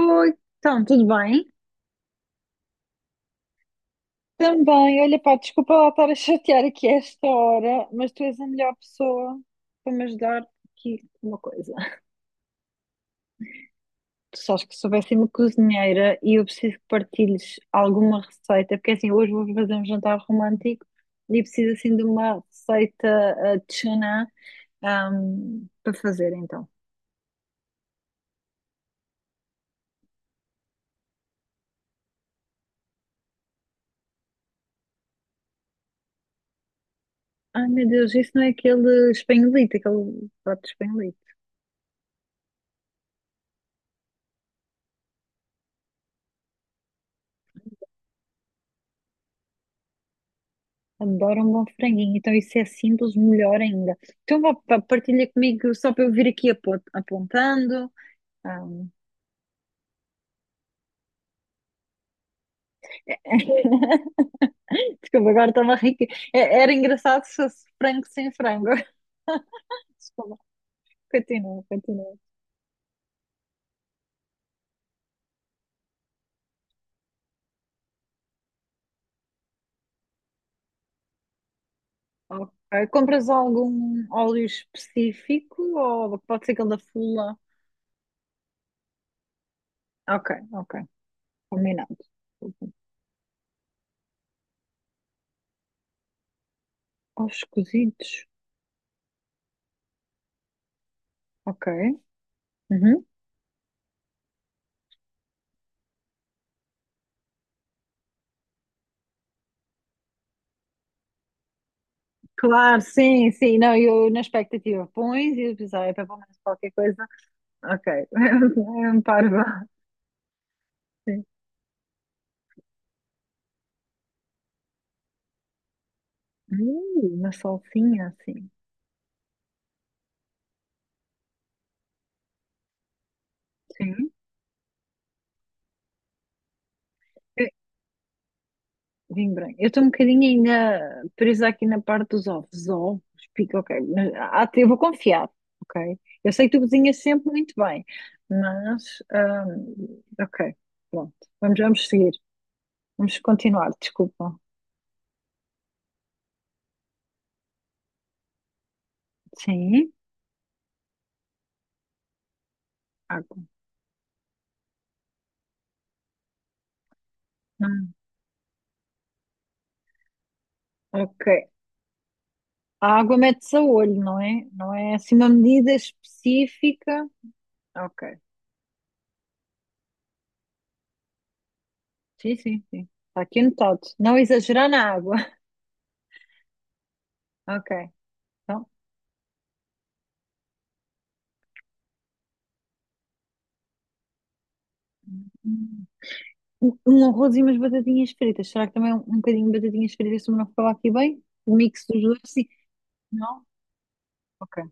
Oi, então, tudo bem? Também, olha pá, desculpa lá estar a chatear aqui a esta hora, mas tu és a melhor pessoa para me ajudar aqui com uma coisa. Tu sabes que sou péssima cozinheira e eu preciso que partilhes alguma receita, porque assim, hoje vou fazer um jantar romântico e preciso assim de uma receita de tuna para fazer então. Ai meu Deus, isso não é aquele espanholito, aquele prato espanholito. Adoro um bom franguinho, então isso é simples, melhor ainda. Então vá, pá, partilha comigo só para eu vir aqui apontando. Ahm, Desculpa, agora estava rica. Era engraçado se fosse frango sem frango. Desculpa, continua, continua. Ok. Compras algum óleo específico ou pode ser aquele da Fula? Ok, ok, combinado. Ovos cozidos, ok. Uhum. Claro, sim, sim. Não, eu na expectativa pões e eu pensava, ah, é para pelo menos qualquer coisa. Ok, é um parvo. Sim. Uma salsinha sim. Sim. Eh, vinho branco. Eu estou um bocadinho ainda presa aqui na parte dos ovos. Ovos, pico, ok. Mas, ah, eu vou confiar, ok? Eu sei que tu cozinhas sempre muito bem, mas. Ah, ok, pronto. Vamos, vamos seguir. Vamos continuar, desculpa. Sim, água. Hum, ok. A água mete-se a olho, não é? Não é assim uma medida específica. Ok. Sim, sim, sim. Está aqui anotado. Não exagerar na água. Ok. Então, um um arroz e umas batatinhas fritas. Será que também é um bocadinho de batatinhas fritas, se não falar aqui bem? O mix dos dois, sim. Não? Ok.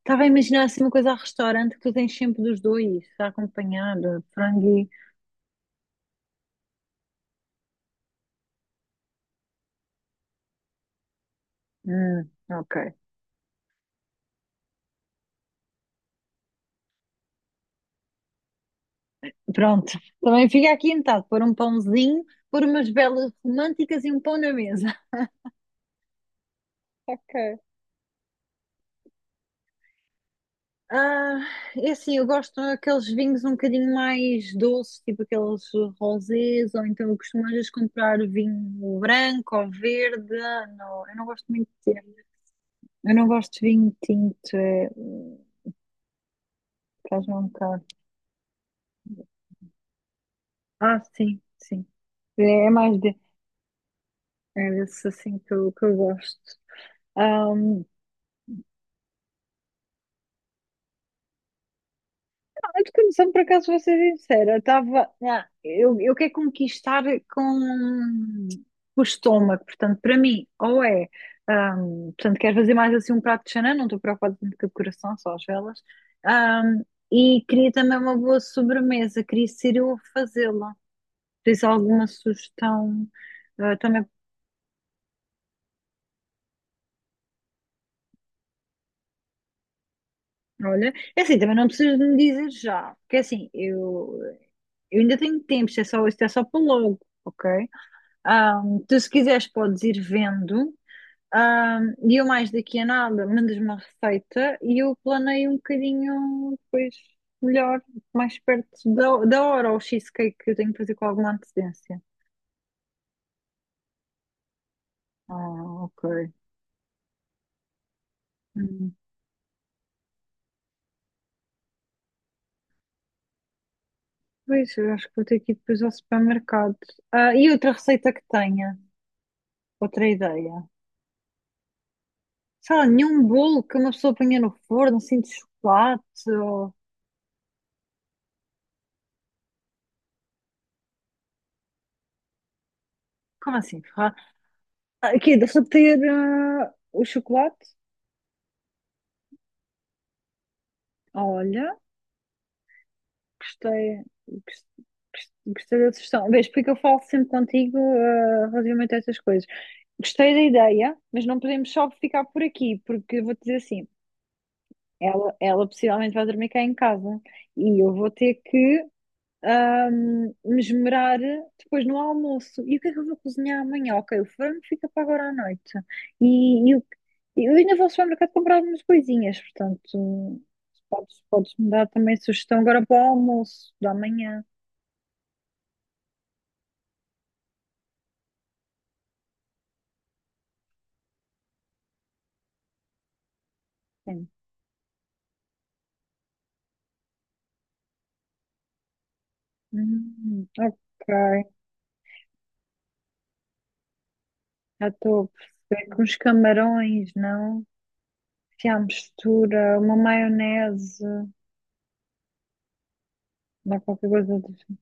Estava a imaginar assim uma coisa a restaurante que tu tens sempre dos dois, está acompanhado, frango e... ok. Pronto. Também fica aqui anotado. Pôr um pãozinho, pôr umas velas românticas e um pão na mesa. Ok. Ah, é assim, eu gosto daqueles vinhos um bocadinho mais doces, tipo aqueles rosés, ou então eu costumo às vezes comprar vinho branco ou verde. Ah, não, eu não gosto muito de tinto. Eu não gosto de vinho tinto, é, faz-me um bocado. Ah, sim, sim. É, é mais de, é desse assim que que eu gosto. A de condução, por acaso, vou ser sincera, estava. Ah, eu quero conquistar com o estômago, portanto, para mim, ou é. Portanto, quero fazer mais assim um prato de chanã, não estou preocupada tanto com a decoração, só as velas. Ahm, e queria também uma boa sobremesa, queria ser eu a fazê-la. Tens alguma sugestão também? Olha, é assim, também não precisas de me dizer já, porque é assim, eu ainda tenho tempo, isto é só para logo, ok? Tu, se quiseres, podes ir vendo. E eu, mais daqui a nada, mandas-me uma receita e eu planeio um bocadinho depois melhor, mais perto da hora, o cheesecake que eu tenho que fazer com alguma antecedência. Ah, ok. Hum. Pois, eu acho que vou ter que ir depois ao supermercado. Ah, e outra receita que tenha, outra ideia. Sei lá, nenhum bolo que uma pessoa ponha no forno, assim, de chocolate ou... Como assim? Ferrado? Ah, aqui, deixa eu o chocolate. Olha, gostei, gos- gostei da sugestão. Vês, porque eu falo sempre contigo, eh, relativamente a estas coisas. Gostei da ideia, mas não podemos só ficar por aqui, porque vou-te dizer assim, ela possivelmente vai dormir cá em casa e eu vou ter que me depois no almoço. E o que é que eu vou cozinhar amanhã? Ok, o frango fica para agora à noite. E, e o- eu ainda vou ao supermercado comprar algumas coisinhas, portanto, podes me dar também sugestão agora para o almoço da manhã. Sim. Ok, já estou a perceber que uns camarões, não? Se há mistura, uma maionese, dá qualquer coisa. De-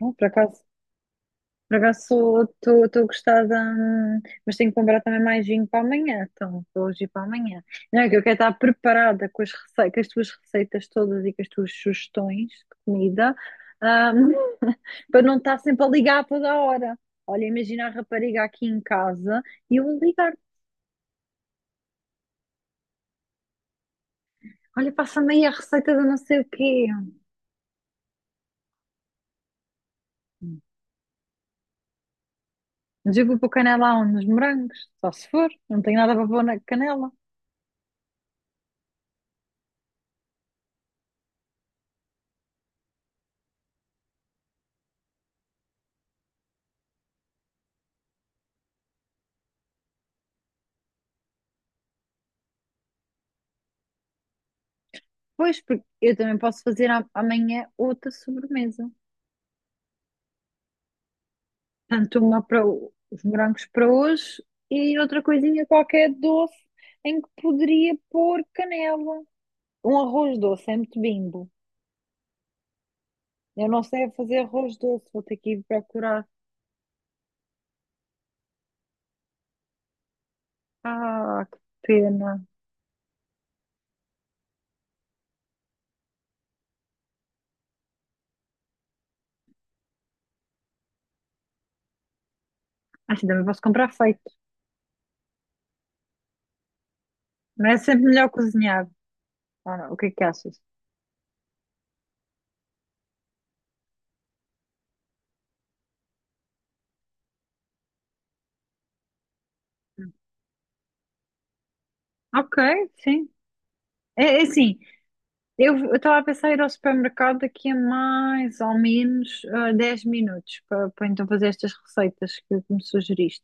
Não, por acaso. Por acaso estou gostada, mas tenho que comprar também mais vinho para amanhã, então para hoje e para amanhã. Não é que eu quero estar preparada com as receitas, com as tuas receitas todas e com as tuas sugestões de comida, hum, para não estar sempre a ligar a toda a hora. Olha, imagina a rapariga aqui em casa e eu vou ligar. Olha, passa-me aí a receita de não sei o quê. Mas eu vou pôr canela aonde? Nos morangos, só se for, não tenho nada para pôr na canela. Pois, porque eu também posso fazer amanhã outra sobremesa. Tanto uma para os morangos para hoje e outra coisinha qualquer doce em que poderia pôr canela. Um arroz doce, é muito bimbo. Eu não sei fazer arroz doce, vou ter que ir procurar. Ah, que pena. Acho que também posso comprar feito. Não é sempre melhor cozinhar. Ah, não, o que é que achas? Ok, sim. É, é assim, eu estava a pensar em ir ao supermercado daqui a mais ou menos 10 minutos para então fazer estas receitas que me sugeriste.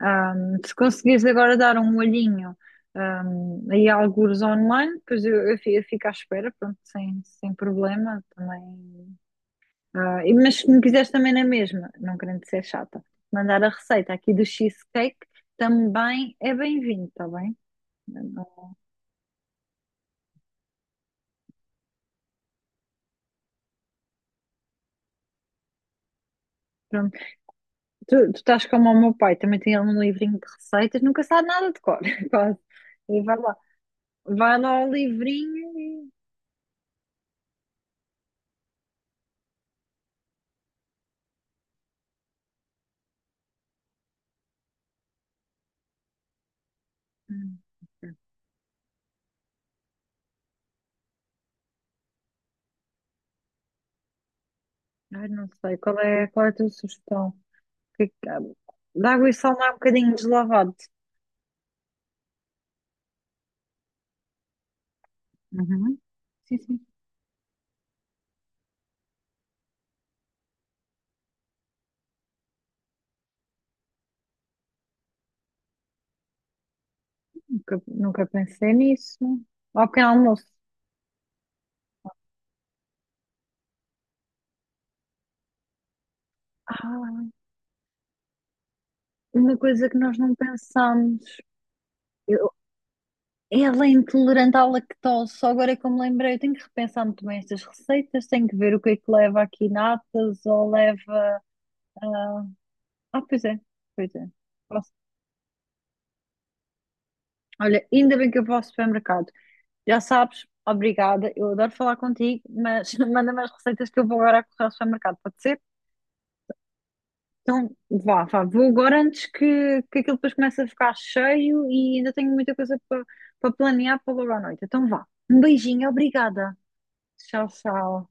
Se conseguires agora dar um olhinho, aí a algures online, depois eu fico à espera, pronto, sem problema também. Ah, mas se me quiseres também na mesma, não querendo ser chata, mandar a receita aqui do cheesecake também é bem-vindo, está bem? Não- Pronto. Tu estás como o meu pai, também tem ele um livrinho de receitas, nunca sabe nada de cor, quase. E vai lá, vai lá ao livrinho e. Hum, ok. Ai, não sei, qual é a tua sugestão? Que, de água e sal não é um bocadinho deslavado. Uhum. Sim, sim. Nunca pensei nisso. Ao pequeno almoço. Ah, uma coisa que nós não pensámos. Eu- ela é intolerante à lactose. Só agora é que eu me lembrei. Eu tenho que repensar muito bem estas receitas. Tenho que ver o que é que leva aqui natas ou leva. Ah, ah, pois é. Pois é. Posso- Olha, ainda bem que eu vou ao supermercado. Já sabes, obrigada. Eu adoro falar contigo, mas manda-me as receitas que eu vou agora correr ao supermercado. Pode ser? Então, vá, vá, vou agora antes que aquilo depois comece a ficar cheio e ainda tenho muita coisa para planear para logo à noite. Então, vá. Um beijinho, obrigada. Tchau, tchau.